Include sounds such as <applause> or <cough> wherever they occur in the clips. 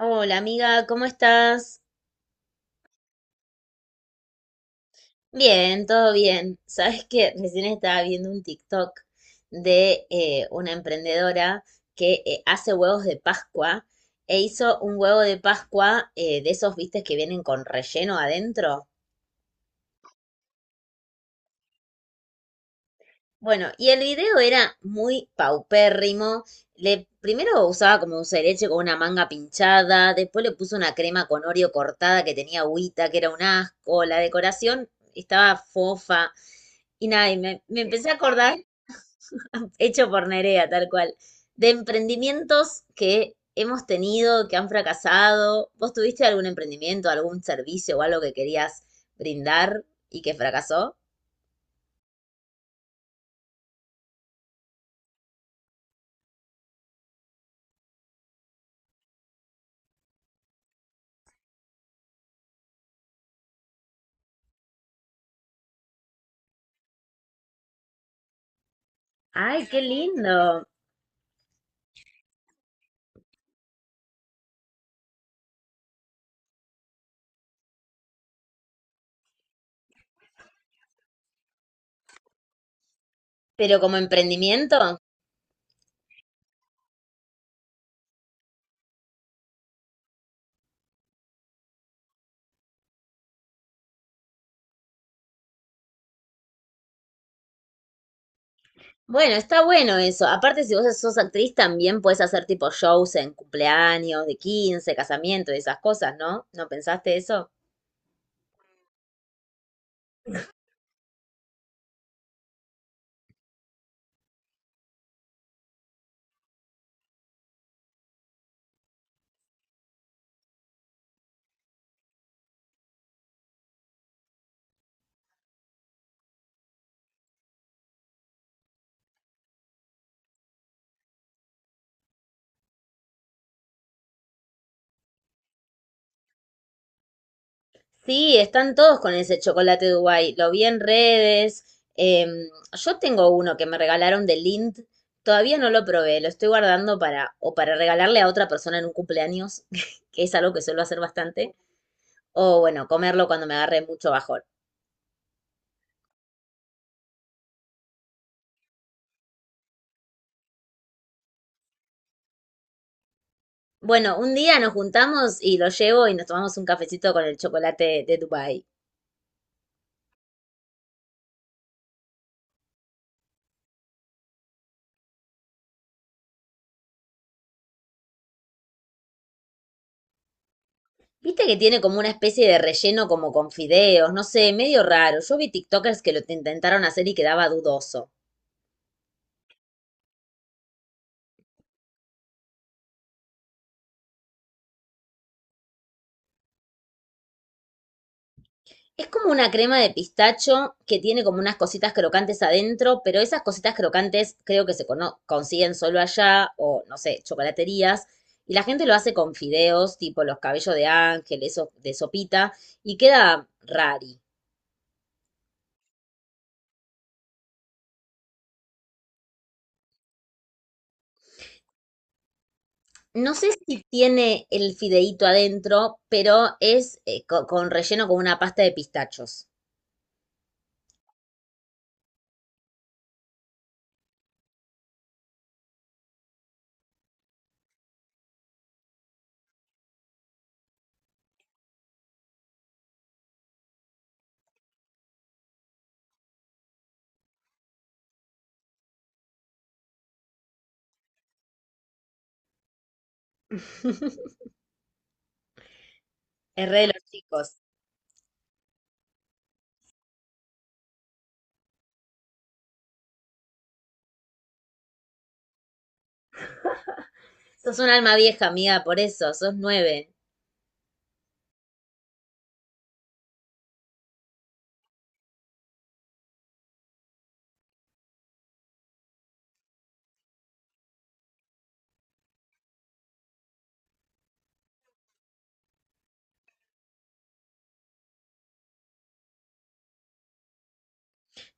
Hola amiga, ¿cómo estás? Bien, todo bien. Sabes que recién estaba viendo un TikTok de una emprendedora que hace huevos de Pascua e hizo un huevo de Pascua de esos, viste, que vienen con relleno adentro. Bueno, y el video era muy paupérrimo. Primero usaba como dulce de leche con una manga pinchada, después le puso una crema con Oreo cortada que tenía agüita, que era un asco. La decoración estaba fofa. Y nada, me empecé a acordar, hecho por Nerea, tal cual, de emprendimientos que hemos tenido, que han fracasado. ¿Vos tuviste algún emprendimiento, algún servicio o algo que querías brindar y que fracasó? ¡Ay, qué lindo! Pero como emprendimiento. Bueno, está bueno eso. Aparte, si vos sos actriz, también puedes hacer tipo shows en cumpleaños, de 15, casamiento y esas cosas, ¿no? ¿No pensaste eso? Sí, están todos con ese chocolate Dubai. Lo vi en redes. em, yo tengo uno que me regalaron de Lind. Todavía no lo probé. Lo estoy guardando para o para regalarle a otra persona en un cumpleaños, <laughs> que es algo que suelo hacer bastante. O bueno, comerlo cuando me agarre mucho bajón. Bueno, un día nos juntamos y lo llevo y nos tomamos un cafecito con el chocolate de Dubai. Viste que tiene como una especie de relleno como con fideos, no sé, medio raro. Yo vi TikTokers que intentaron hacer y quedaba dudoso. Es como una crema de pistacho que tiene como unas cositas crocantes adentro, pero esas cositas crocantes creo que consiguen solo allá o, no sé, chocolaterías. Y la gente lo hace con fideos, tipo los cabellos de ángel, eso de sopita, y queda rari. No sé si tiene el fideíto adentro, pero es con relleno con una pasta de pistachos. <laughs> Es de los chicos. Sos un alma vieja, amiga, por eso, sos nueve.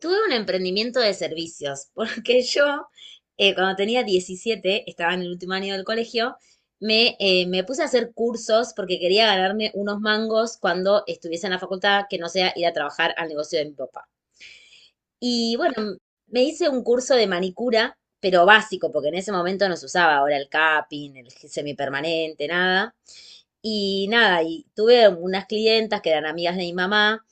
Tuve un emprendimiento de servicios, <laughs> porque cuando tenía 17, estaba en el último año del colegio, me puse a hacer cursos porque quería ganarme unos mangos cuando estuviese en la facultad, que no sea ir a trabajar al negocio de mi papá. Y bueno, me hice un curso de manicura, pero básico, porque en ese momento no se usaba ahora el capping, el semipermanente, nada. Y nada, y tuve unas clientas que eran amigas de mi mamá,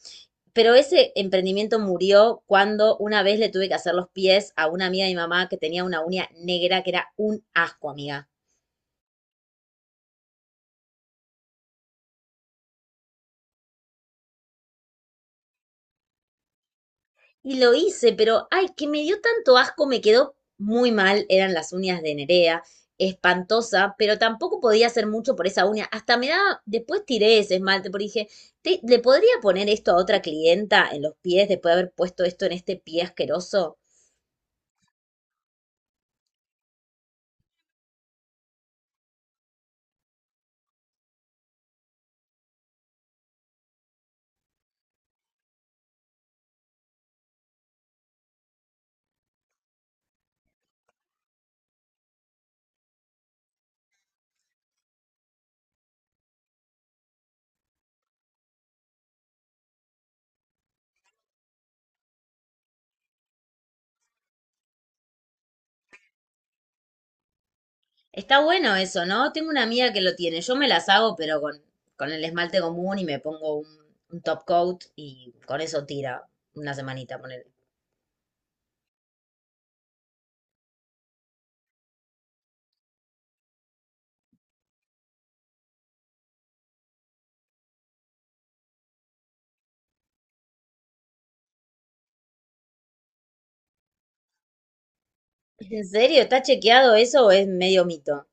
pero ese emprendimiento murió cuando una vez le tuve que hacer los pies a una amiga de mi mamá que tenía una uña negra que era un asco, amiga. Y lo hice, pero ay, que me dio tanto asco, me quedó muy mal, eran las uñas de Nerea, espantosa, pero tampoco podía hacer mucho por esa uña. Hasta me daba, después tiré ese esmalte, porque dije, "Te- ¿le podría poner esto a otra clienta en los pies después de haber puesto esto en este pie asqueroso? Está bueno eso, ¿no? Tengo una amiga que lo tiene. Yo me las hago, pero con el esmalte común y me pongo un top coat y con eso tira una semanita, ponele. ¿En serio? ¿Está chequeado eso o es medio mito?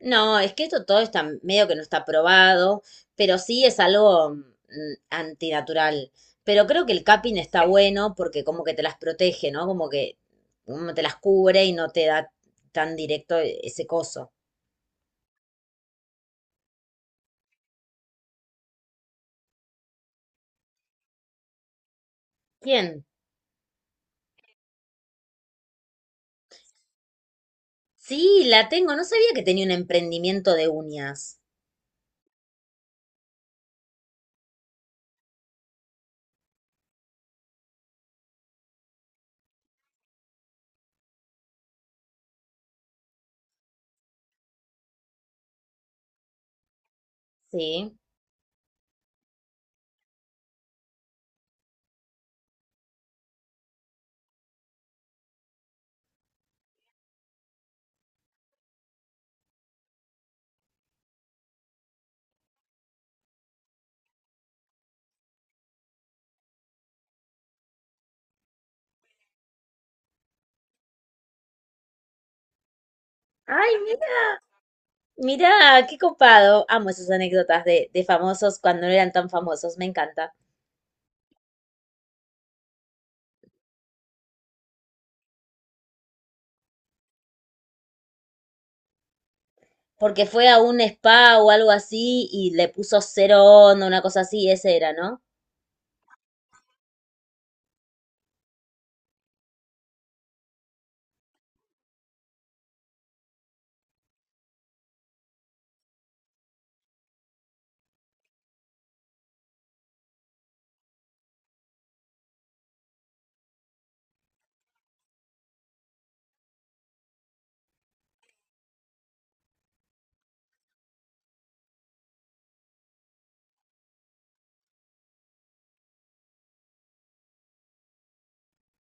No, es que esto todo está medio que no está probado, pero sí es algo antinatural. Pero creo que el capping está bueno porque como que te las protege, ¿no? Como que como te las cubre y no te da tan directo ese coso. ¿Quién? Sí, la tengo. No sabía que tenía un emprendimiento de uñas. Sí. Ay, mira, mira, qué copado. Amo esas anécdotas de famosos cuando no eran tan famosos. Me encanta. Porque fue a un spa o algo así y le puso cero onda, una cosa así. Ese era, ¿no?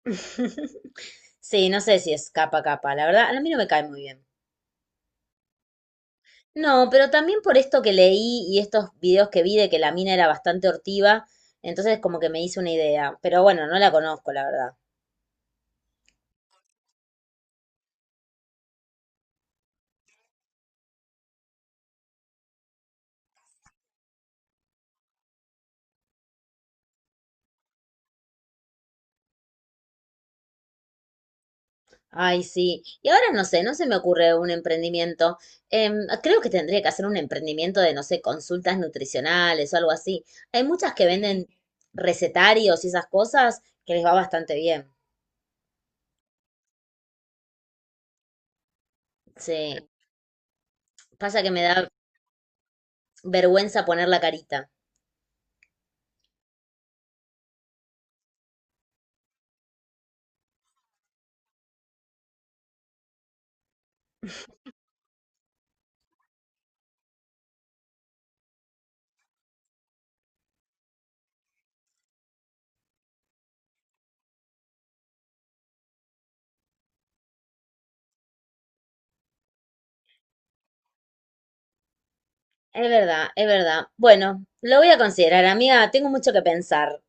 <laughs> Sí, no sé si es capa capa. La verdad, a mí no me cae muy bien. No, pero también por esto que leí y estos videos que vi de que la mina era bastante hortiva. Entonces como que me hice una idea. Pero bueno, no la conozco, la verdad. Ay, sí. Y ahora no sé, no se me ocurre un emprendimiento. Creo que tendría que hacer un emprendimiento de, no sé, consultas nutricionales o algo así. Hay muchas que venden recetarios y esas cosas que les va bastante bien. Sí. Pasa que me da vergüenza poner la carita. Es verdad, es verdad. Bueno, lo voy a considerar, amiga. Tengo mucho que pensar.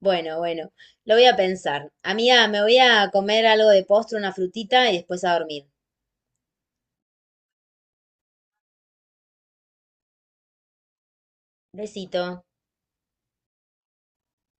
Bueno, bueno, lo voy a pensar. Amiga, me voy a comer algo de postre, una frutita y después a dormir. Besito.